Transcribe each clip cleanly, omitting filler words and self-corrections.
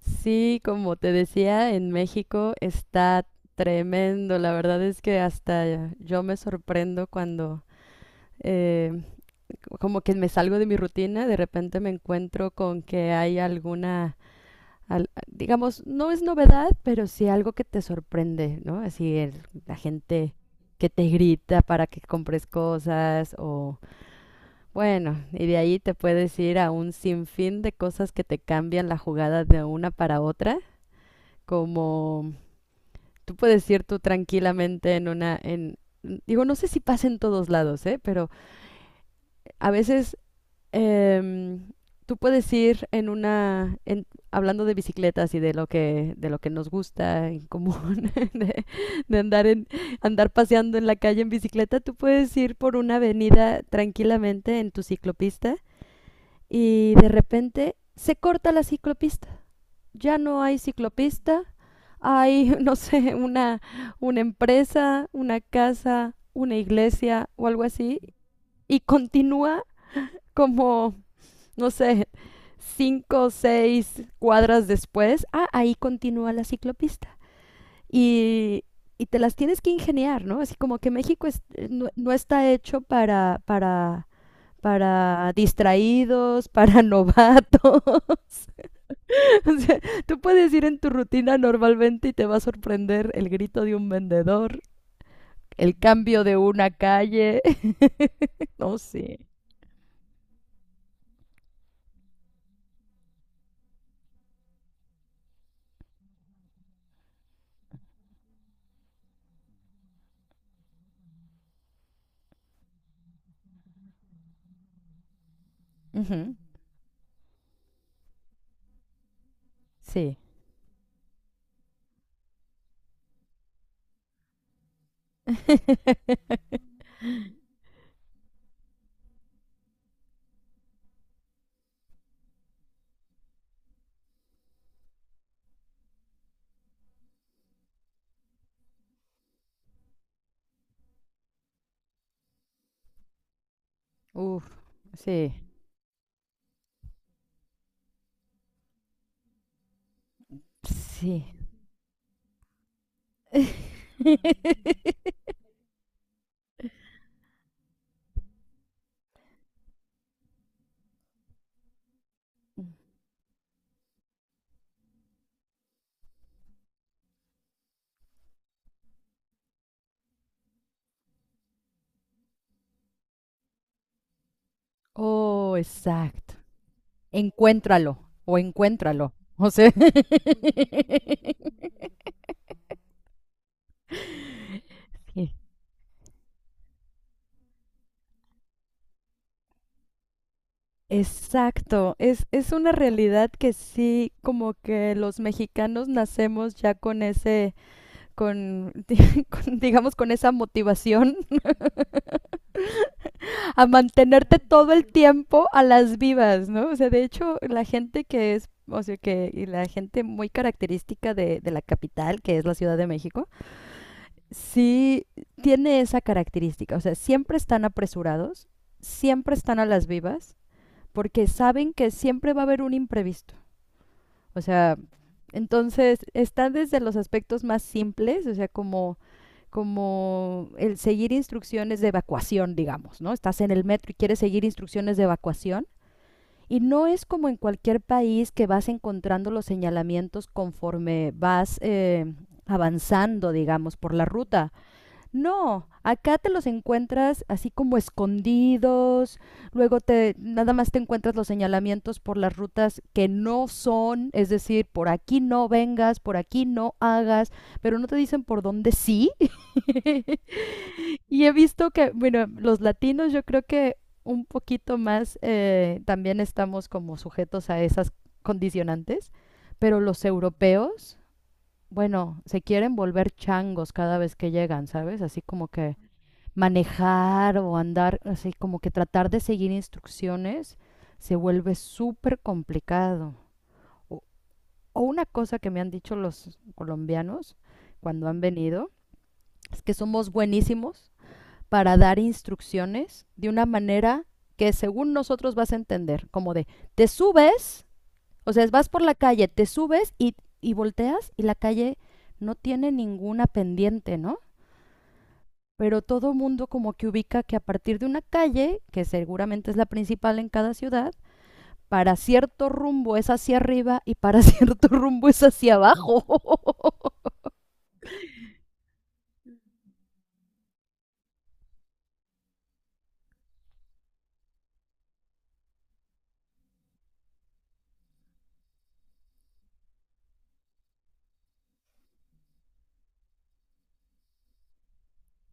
Sí, como te decía, en México está tremendo. La verdad es que hasta yo me sorprendo cuando eh, como que me salgo de mi rutina, de repente me encuentro con que hay alguna, digamos, no es novedad, pero sí algo que te sorprende, ¿no? Así la gente que te grita para que compres cosas o bueno, y de ahí te puedes ir a un sinfín de cosas que te cambian la jugada de una para otra como tú puedes ir tú tranquilamente en una, digo, no sé si pasa en todos lados, ¿eh? Pero a veces em, tú puedes ir en una, hablando de bicicletas y de lo que nos gusta en común, de andar paseando en la calle en bicicleta, tú puedes ir por una avenida tranquilamente en tu ciclopista y de repente se corta la ciclopista. Ya no hay ciclopista, hay, no sé, una empresa, una casa, una iglesia o algo así, y continúa como, no sé, 5 o 6 cuadras después. Ah, ahí continúa la ciclopista. Y, y te las tienes que ingeniar, ¿no? Así como que México es, no está hecho para, distraídos, para novatos. O sea, tú puedes ir en tu rutina normalmente y te va a sorprender el grito de un vendedor, el cambio de una calle. No, sí. Ujú. Sí. Uf, sí. Sí. Oh, exacto. Encuéntralo o encuéntralo. O sea. Sí. Exacto, es una realidad que sí, como que los mexicanos nacemos ya con ese, con, digamos, con esa motivación a mantenerte todo el tiempo a las vivas, ¿no? O sea, de hecho, la gente que es, o sea, y la gente muy característica de la capital, que es la Ciudad de México, sí tiene esa característica. O sea, siempre están apresurados, siempre están a las vivas, porque saben que siempre va a haber un imprevisto. O sea, entonces está desde los aspectos más simples, o sea, como el seguir instrucciones de evacuación, digamos, ¿no? Estás en el metro y quieres seguir instrucciones de evacuación. Y no es como en cualquier país que vas encontrando los señalamientos conforme vas avanzando, digamos, por la ruta. No, acá te los encuentras así como escondidos, luego te nada más te encuentras los señalamientos por las rutas que no son, es decir, por aquí no vengas, por aquí no hagas, pero no te dicen por dónde sí. Y he visto que, bueno, los latinos yo creo que un poquito más también estamos como sujetos a esas condicionantes, pero los europeos, bueno, se quieren volver changos cada vez que llegan, ¿sabes? Así como que manejar o andar, así como que tratar de seguir instrucciones se vuelve súper complicado. O, o una cosa que me han dicho los colombianos cuando han venido es que somos buenísimos para dar instrucciones de una manera que según nosotros vas a entender, como de te subes, o sea, vas por la calle, te subes y volteas y la calle no tiene ninguna pendiente, ¿no? Pero todo mundo como que ubica que a partir de una calle, que seguramente es la principal en cada ciudad, para cierto rumbo es hacia arriba y para cierto rumbo es hacia abajo.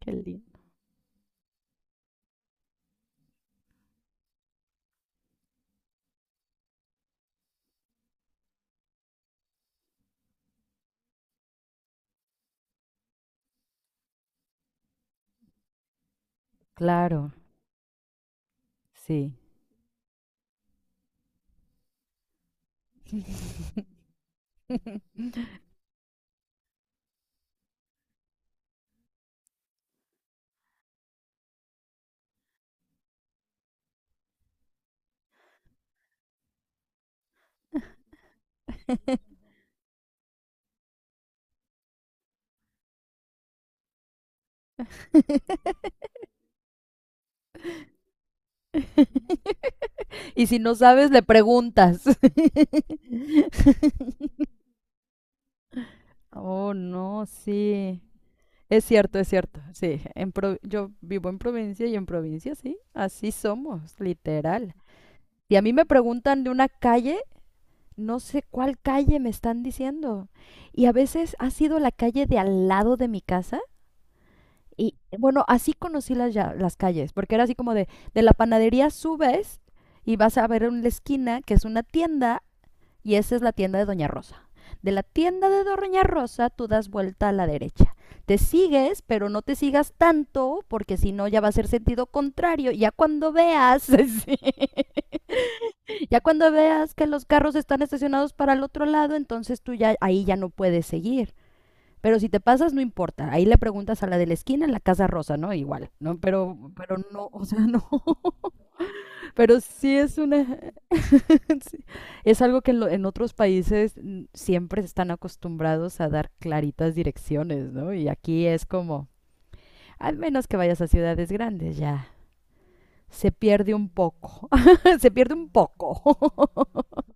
Qué lindo. Claro, sí. Y si no sabes, le preguntas. Oh, no, sí. Es cierto, es cierto. Sí, yo vivo en provincia y en provincia, sí, así somos, literal. Y a mí me preguntan de una calle, no sé cuál calle me están diciendo. Y a veces ha sido la calle de al lado de mi casa. Y bueno, así conocí las calles, porque era así como de, la panadería subes y vas a ver en la esquina que es una tienda y esa es la tienda de Doña Rosa. De la tienda de Doña Rosa tú das vuelta a la derecha. Te sigues, pero no te sigas tanto, porque si no ya va a ser sentido contrario. Ya cuando veas, sí. Ya cuando veas que los carros están estacionados para el otro lado, entonces tú ya ahí ya no puedes seguir. Pero si te pasas, no importa. Ahí le preguntas a la de la esquina, en la Casa Rosa, ¿no? Igual, ¿no? Pero no, o sea, no. Pero sí es una, sí, es algo que en, en otros países siempre están acostumbrados a dar claritas direcciones, ¿no? Y aquí es como, al menos que vayas a ciudades grandes, ya. Se pierde un poco. Se pierde un poco.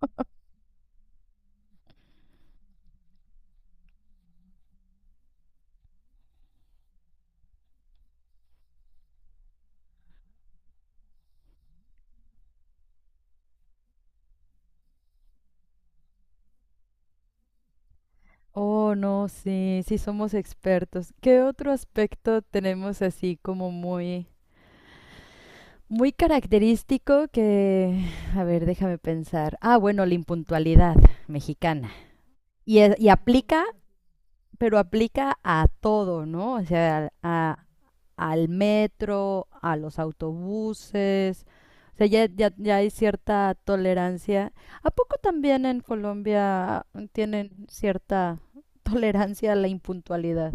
Oh, no, sí, sí somos expertos. ¿Qué otro aspecto tenemos así como muy, muy característico que, a ver, déjame pensar. Ah, bueno, la impuntualidad mexicana. Y aplica, pero aplica a todo, ¿no? O sea, al metro, a los autobuses. O sea, ya hay cierta tolerancia. ¿A poco también en Colombia tienen cierta tolerancia a la impuntualidad?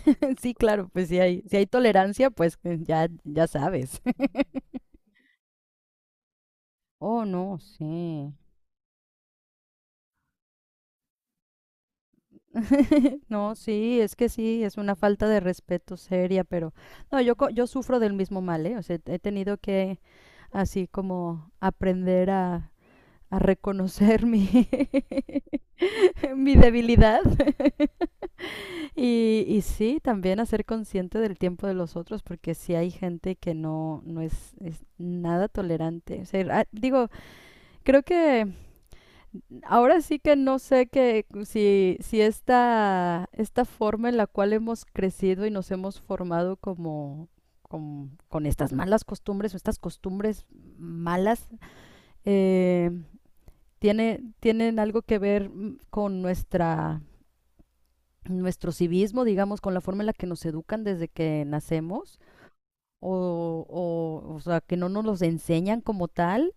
Sí, claro, pues si hay tolerancia, pues ya sabes. Oh, no, sí. No, sí, es que sí, es una falta de respeto seria, pero no, yo, yo sufro del mismo mal, ¿eh? O sea, he tenido que así como aprender a reconocer mi debilidad. Y, y sí, también a ser consciente del tiempo de los otros, porque sí hay gente que no, no es, nada tolerante. O sea, ah, digo, creo que ahora sí que no sé que si esta forma en la cual hemos crecido y nos hemos formado como, con estas malas costumbres o estas costumbres malas eh, tienen algo que ver con nuestro civismo, digamos, con la forma en la que nos educan desde que nacemos. O sea, que no nos los enseñan como tal.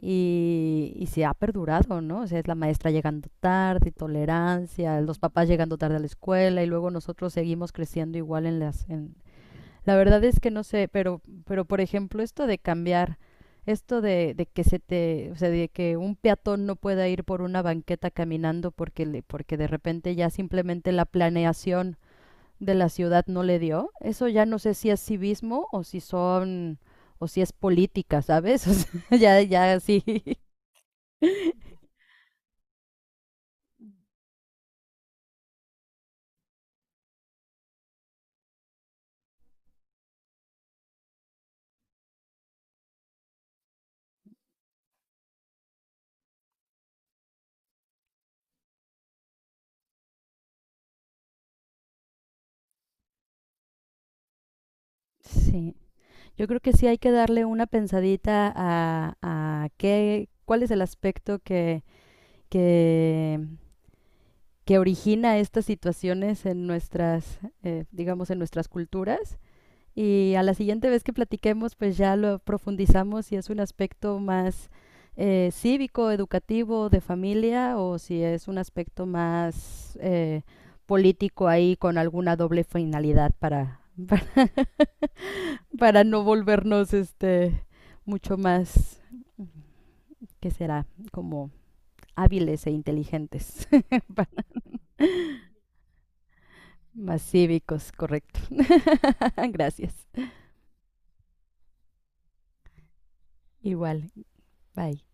Y se ha perdurado, ¿no? O sea, es la maestra llegando tarde, tolerancia, los papás llegando tarde a la escuela y luego nosotros seguimos creciendo igual en las... En... La verdad es que no sé, pero por ejemplo, esto de cambiar, esto de que se te, o sea, de que un peatón no pueda ir por una banqueta caminando porque, porque de repente ya simplemente la planeación de la ciudad no le dio, eso ya no sé si es civismo o si son, o si es política, ¿sabes? O sea, ya, ya sí. Sí, yo creo que sí hay que darle una pensadita cuál es el aspecto que, que origina estas situaciones en digamos, en nuestras culturas. Y a la siguiente vez que platiquemos, pues ya lo profundizamos si es un aspecto más cívico, educativo, de familia, o si es un aspecto más político ahí con alguna doble finalidad para, para para no volvernos este mucho más que será como hábiles e inteligentes, para- más cívicos, correcto. Gracias. Igual, bye.